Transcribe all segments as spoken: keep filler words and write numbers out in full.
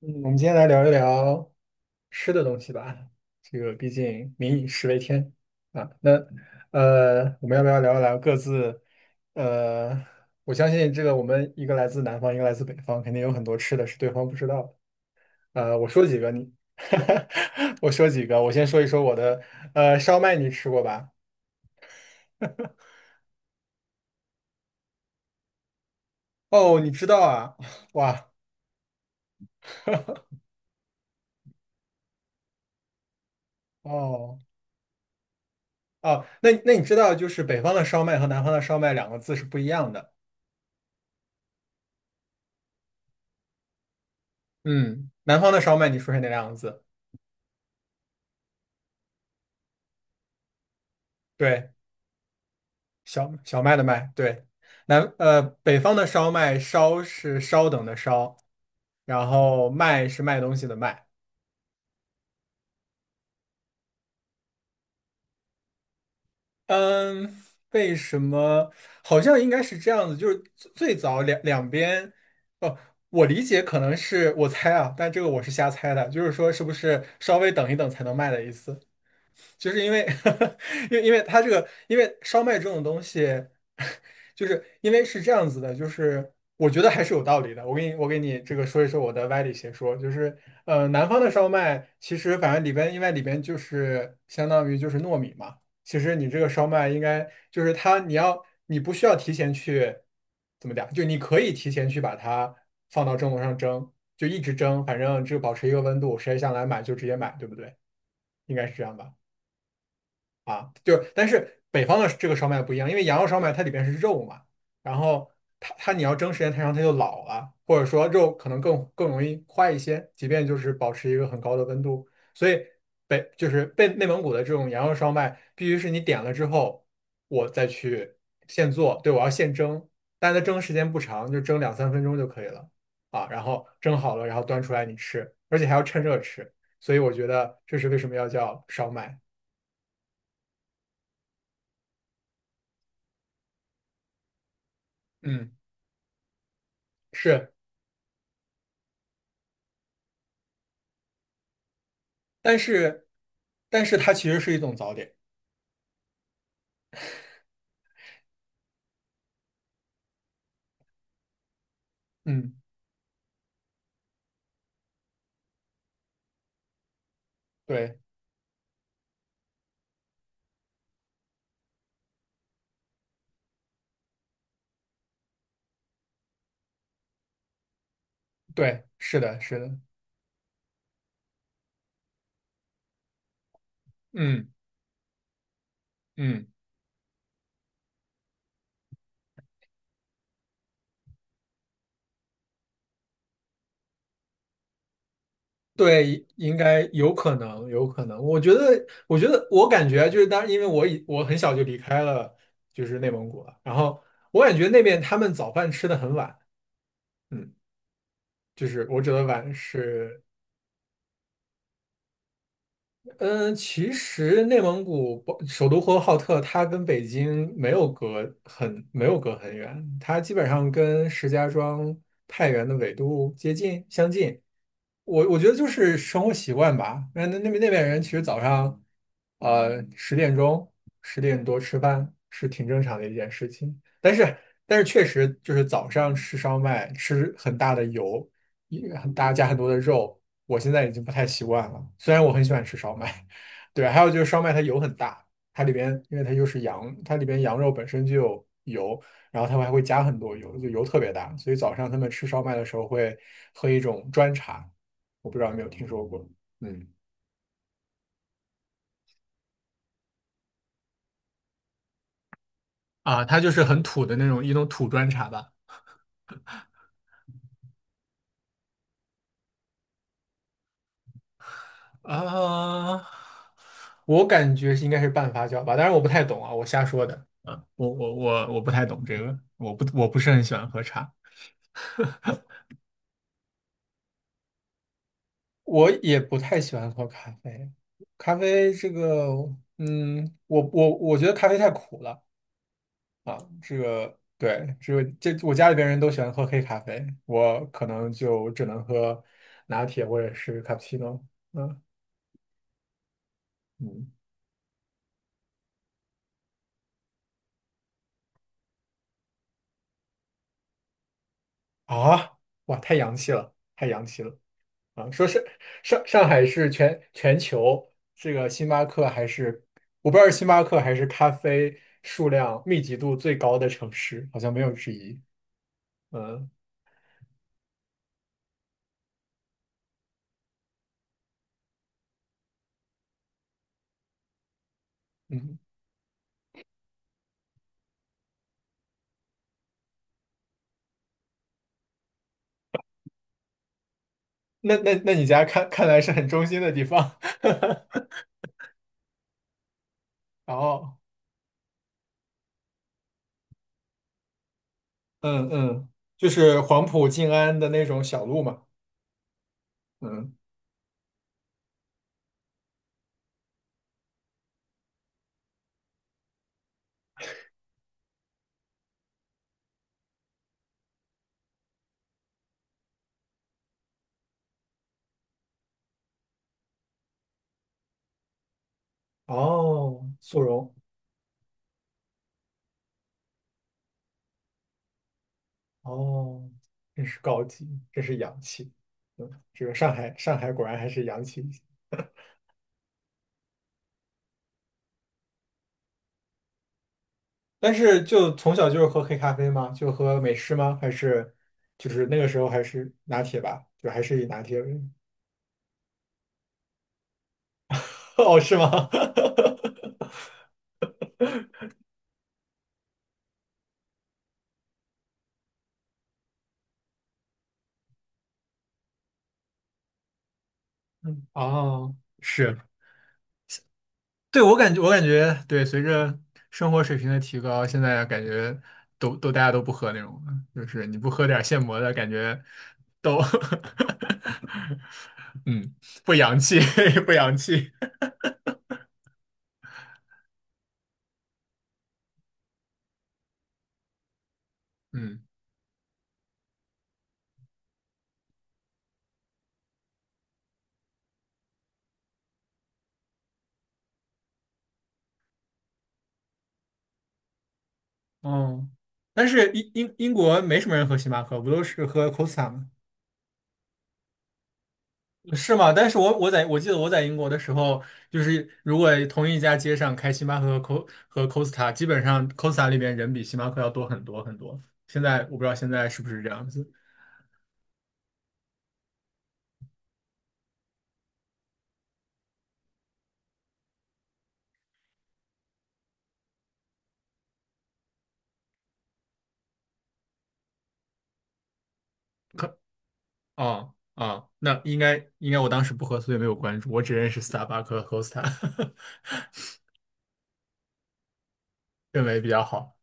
嗯，我们今天来聊一聊吃的东西吧。这个毕竟民以食为天啊。那呃，我们要不要聊一聊各自？呃，我相信这个我们一个来自南方，一个来自北方，肯定有很多吃的是对方不知道的。呃，我说几个你，我说几个，我先说一说我的。呃，烧麦你吃过吧？哦，你知道啊？哇，哦哦，那那你知道就是北方的烧麦和南方的烧麦两个字是不一样的。嗯，南方的烧麦你说是哪两个字，对，小小麦的麦，对，南呃北方的烧麦，烧是稍等的稍，然后卖是卖东西的卖。嗯，为什么？好像应该是这样子，就是最最早两两边，哦，我理解可能是我猜啊，但这个我是瞎猜的，就是说是不是稍微等一等才能卖的意思？就是因为，因为因为它这个，因为烧麦这种东西，就是因为是这样子的，就是我觉得还是有道理的。我给你，我给你这个说一说我的歪理邪说，就是呃，南方的烧麦其实反正里边，因为里边就是相当于就是糯米嘛，其实你这个烧麦应该就是它，你要你不需要提前去怎么讲，就你可以提前去把它放到蒸笼上蒸，就一直蒸，反正就保持一个温度，谁想来买就直接买，对不对？应该是这样吧。啊，就是，但是北方的这个烧麦不一样，因为羊肉烧麦它里边是肉嘛，然后它它你要蒸时间太长，它就老了，或者说肉可能更更容易坏一些，即便就是保持一个很高的温度，所以北就是被内蒙古的这种羊肉烧麦，必须是你点了之后，我再去现做，对，我要现蒸，但它蒸时间不长，就蒸两三分钟就可以了啊，然后蒸好了，然后端出来你吃，而且还要趁热吃，所以我觉得这是为什么要叫烧麦，嗯。是，但是，但是它其实是一种早点。嗯，对对，是的，是的，嗯嗯，对，应该有可能，有可能。我觉得，我觉得，我感觉就是，当然，因为我已我很小就离开了，就是内蒙古了。然后我感觉那边他们早饭吃的很晚，嗯，就是我指的晚是嗯，其实内蒙古包首都呼和浩特，它跟北京没有隔很没有隔很远，它基本上跟石家庄、太原的纬度接近相近。我我觉得就是生活习惯吧。那那那边那边人其实早上，呃，十点钟、十点多吃饭是挺正常的一件事情。但是但是确实就是早上吃烧麦，吃很大的油，也很大加很多的肉。我现在已经不太习惯了。虽然我很喜欢吃烧麦，对，还有就是烧麦它油很大，它里边因为它又是羊，它里边羊肉本身就有油，然后它们还会加很多油，就油特别大，所以早上他们吃烧麦的时候会喝一种砖茶，我不知道有没有听说过，嗯，啊，它就是很土的那种一种土砖茶吧，啊，我感觉是应该是半发酵吧，当然我不太懂啊，我瞎说的。啊，我我我我不太懂这个，我不我不是很喜欢喝茶。我也不太喜欢喝咖啡，咖啡这个，嗯，我我我觉得咖啡太苦了。对，只有这我家里边人都喜欢喝黑咖啡，我可能就只能喝拿铁或者是卡布奇诺。嗯嗯，啊，哇，太洋气了，太洋气了啊！说是上上海是全全球这个星巴克还是我不知道是星巴克还是咖啡数量密集度最高的城市，好像没有之一。嗯。嗯那那那你家看看来是很中心的地方，然后嗯嗯，就是黄埔静安的那种小路嘛，嗯，哦，速溶，哦，真是高级，真是洋气，嗯，这个上海上海果然还是洋气一些。但是就从小就是喝黑咖啡吗？就喝美式吗？还是就是那个时候还是拿铁吧，就还是以拿铁为 哦，是吗？嗯，哦。是。对，我感觉，我感觉，对，随着生活水平的提高，现在感觉都都大家都不喝那种了，就是你不喝点现磨的，感觉都 嗯不洋气，不洋气，嗯哦，但是英英英国没什么人喝星巴克，不都是喝 Costa 吗？是吗？但是我我在我记得我在英国的时候，就是如果同一家街上开星巴克和 Co 和 Costa,基本上 Costa 里边人比星巴克要多很多很多。现在我不知道现在是不是这样子。可哦啊，那应该应该我当时不喝，所以没有关注，我只认识 Starbucks 和 Costa,认为比较好。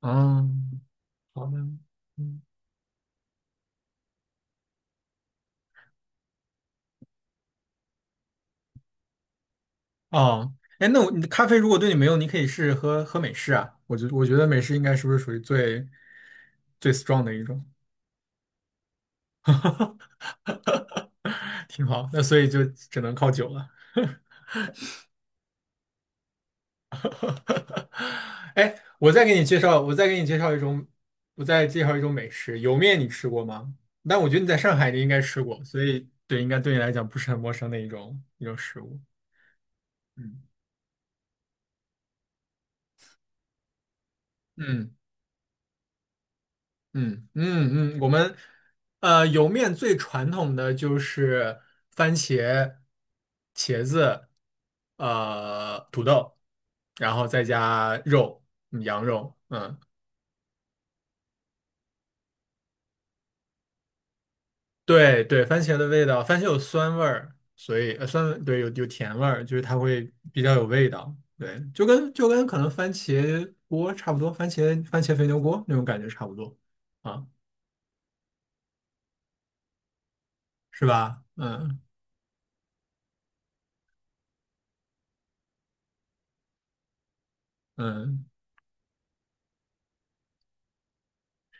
嗯，好的，嗯，哦，哎，那我你的咖啡如果对你没用，你可以试试喝喝美式啊。我觉我觉得美式应该是不是属于最最 strong 的一种？挺好。那所以就只能靠酒了。哎，我再给你介绍，我再给你介绍一种，我再介绍一种美食，莜面你吃过吗？但我觉得你在上海你应该吃过，所以对，应该对你来讲不是很陌生的一种一种食物。嗯，嗯嗯嗯嗯，我们呃莜面最传统的就是番茄、茄子、呃土豆，然后再加肉，嗯羊肉，嗯。对对，番茄的味道，番茄有酸味儿，所以呃酸味对有有甜味儿，就是它会比较有味道，对，就跟就跟可能番茄锅差不多，番茄番茄肥牛锅那种感觉差不多啊，是吧？嗯嗯，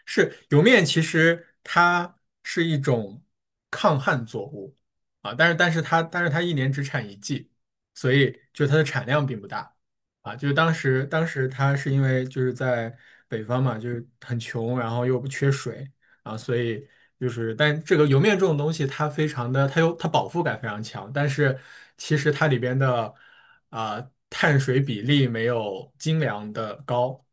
是莜面，其实它是一种抗旱作物啊，但是但是它但是它一年只产一季，所以就它的产量并不大啊。就是当时当时它是因为就是在北方嘛，就是很穷，然后又不缺水啊，所以就是但这个莜面这种东西，它非常的它有它饱腹感非常强，但是其实它里边的啊、碳水比例没有精粮的高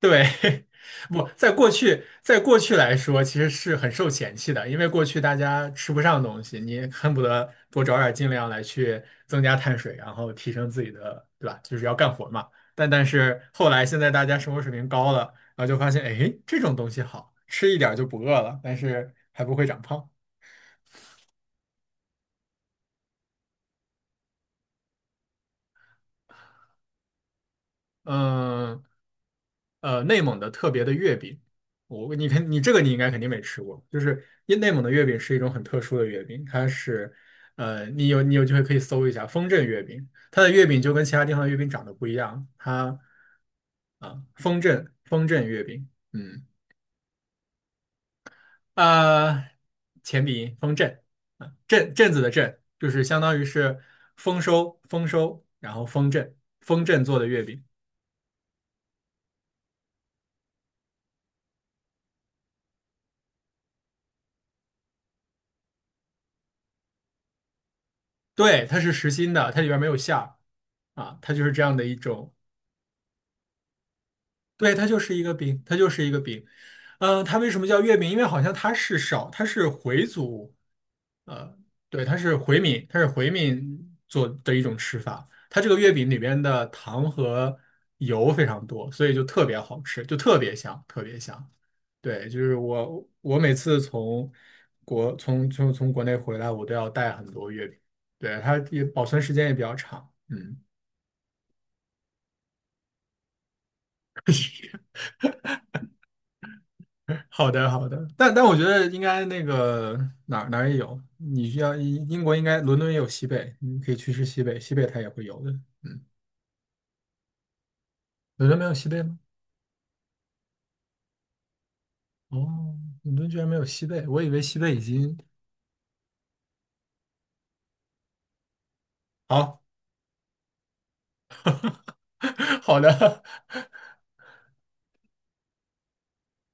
对，不，在过去，在过去来说，其实是很受嫌弃的，因为过去大家吃不上东西，你恨不得多找点儿尽量来去增加碳水，然后提升自己的，对吧？就是要干活嘛。但但是后来现在大家生活水平高了，然后就发现，哎，这种东西好吃一点儿就不饿了，但是还不会长胖。嗯呃，内蒙的特别的月饼，我你看你这个你应该肯定没吃过，就是因内蒙的月饼是一种很特殊的月饼，它是呃，你有你有机会可以搜一下丰镇月饼，它的月饼就跟其他地方的月饼长得不一样，它啊丰镇丰镇月饼，嗯啊前鼻音丰镇，啊镇镇子的镇，就是相当于是丰收丰收，然后丰镇丰镇做的月饼。对，它是实心的，它里边没有馅儿啊，它就是这样的一种，对，它就是一个饼，它就是一个饼。嗯、它为什么叫月饼？因为好像它是少，它是回族，呃，对，它是回民，它是回民做的一种吃法。它这个月饼里边的糖和油非常多，所以就特别好吃，就特别香，特别香。对，就是我我每次从国从从从国内回来，我都要带很多月饼，对，它也保存时间也比较长。嗯。好的，好的，但但我觉得应该那个哪儿哪儿也有，你需要英英国应该伦敦也有西贝，你可以去吃西贝，西贝它也会有的。嗯，伦敦没有西贝吗？哦，伦敦居然没有西贝，我以为西贝已经好 好的，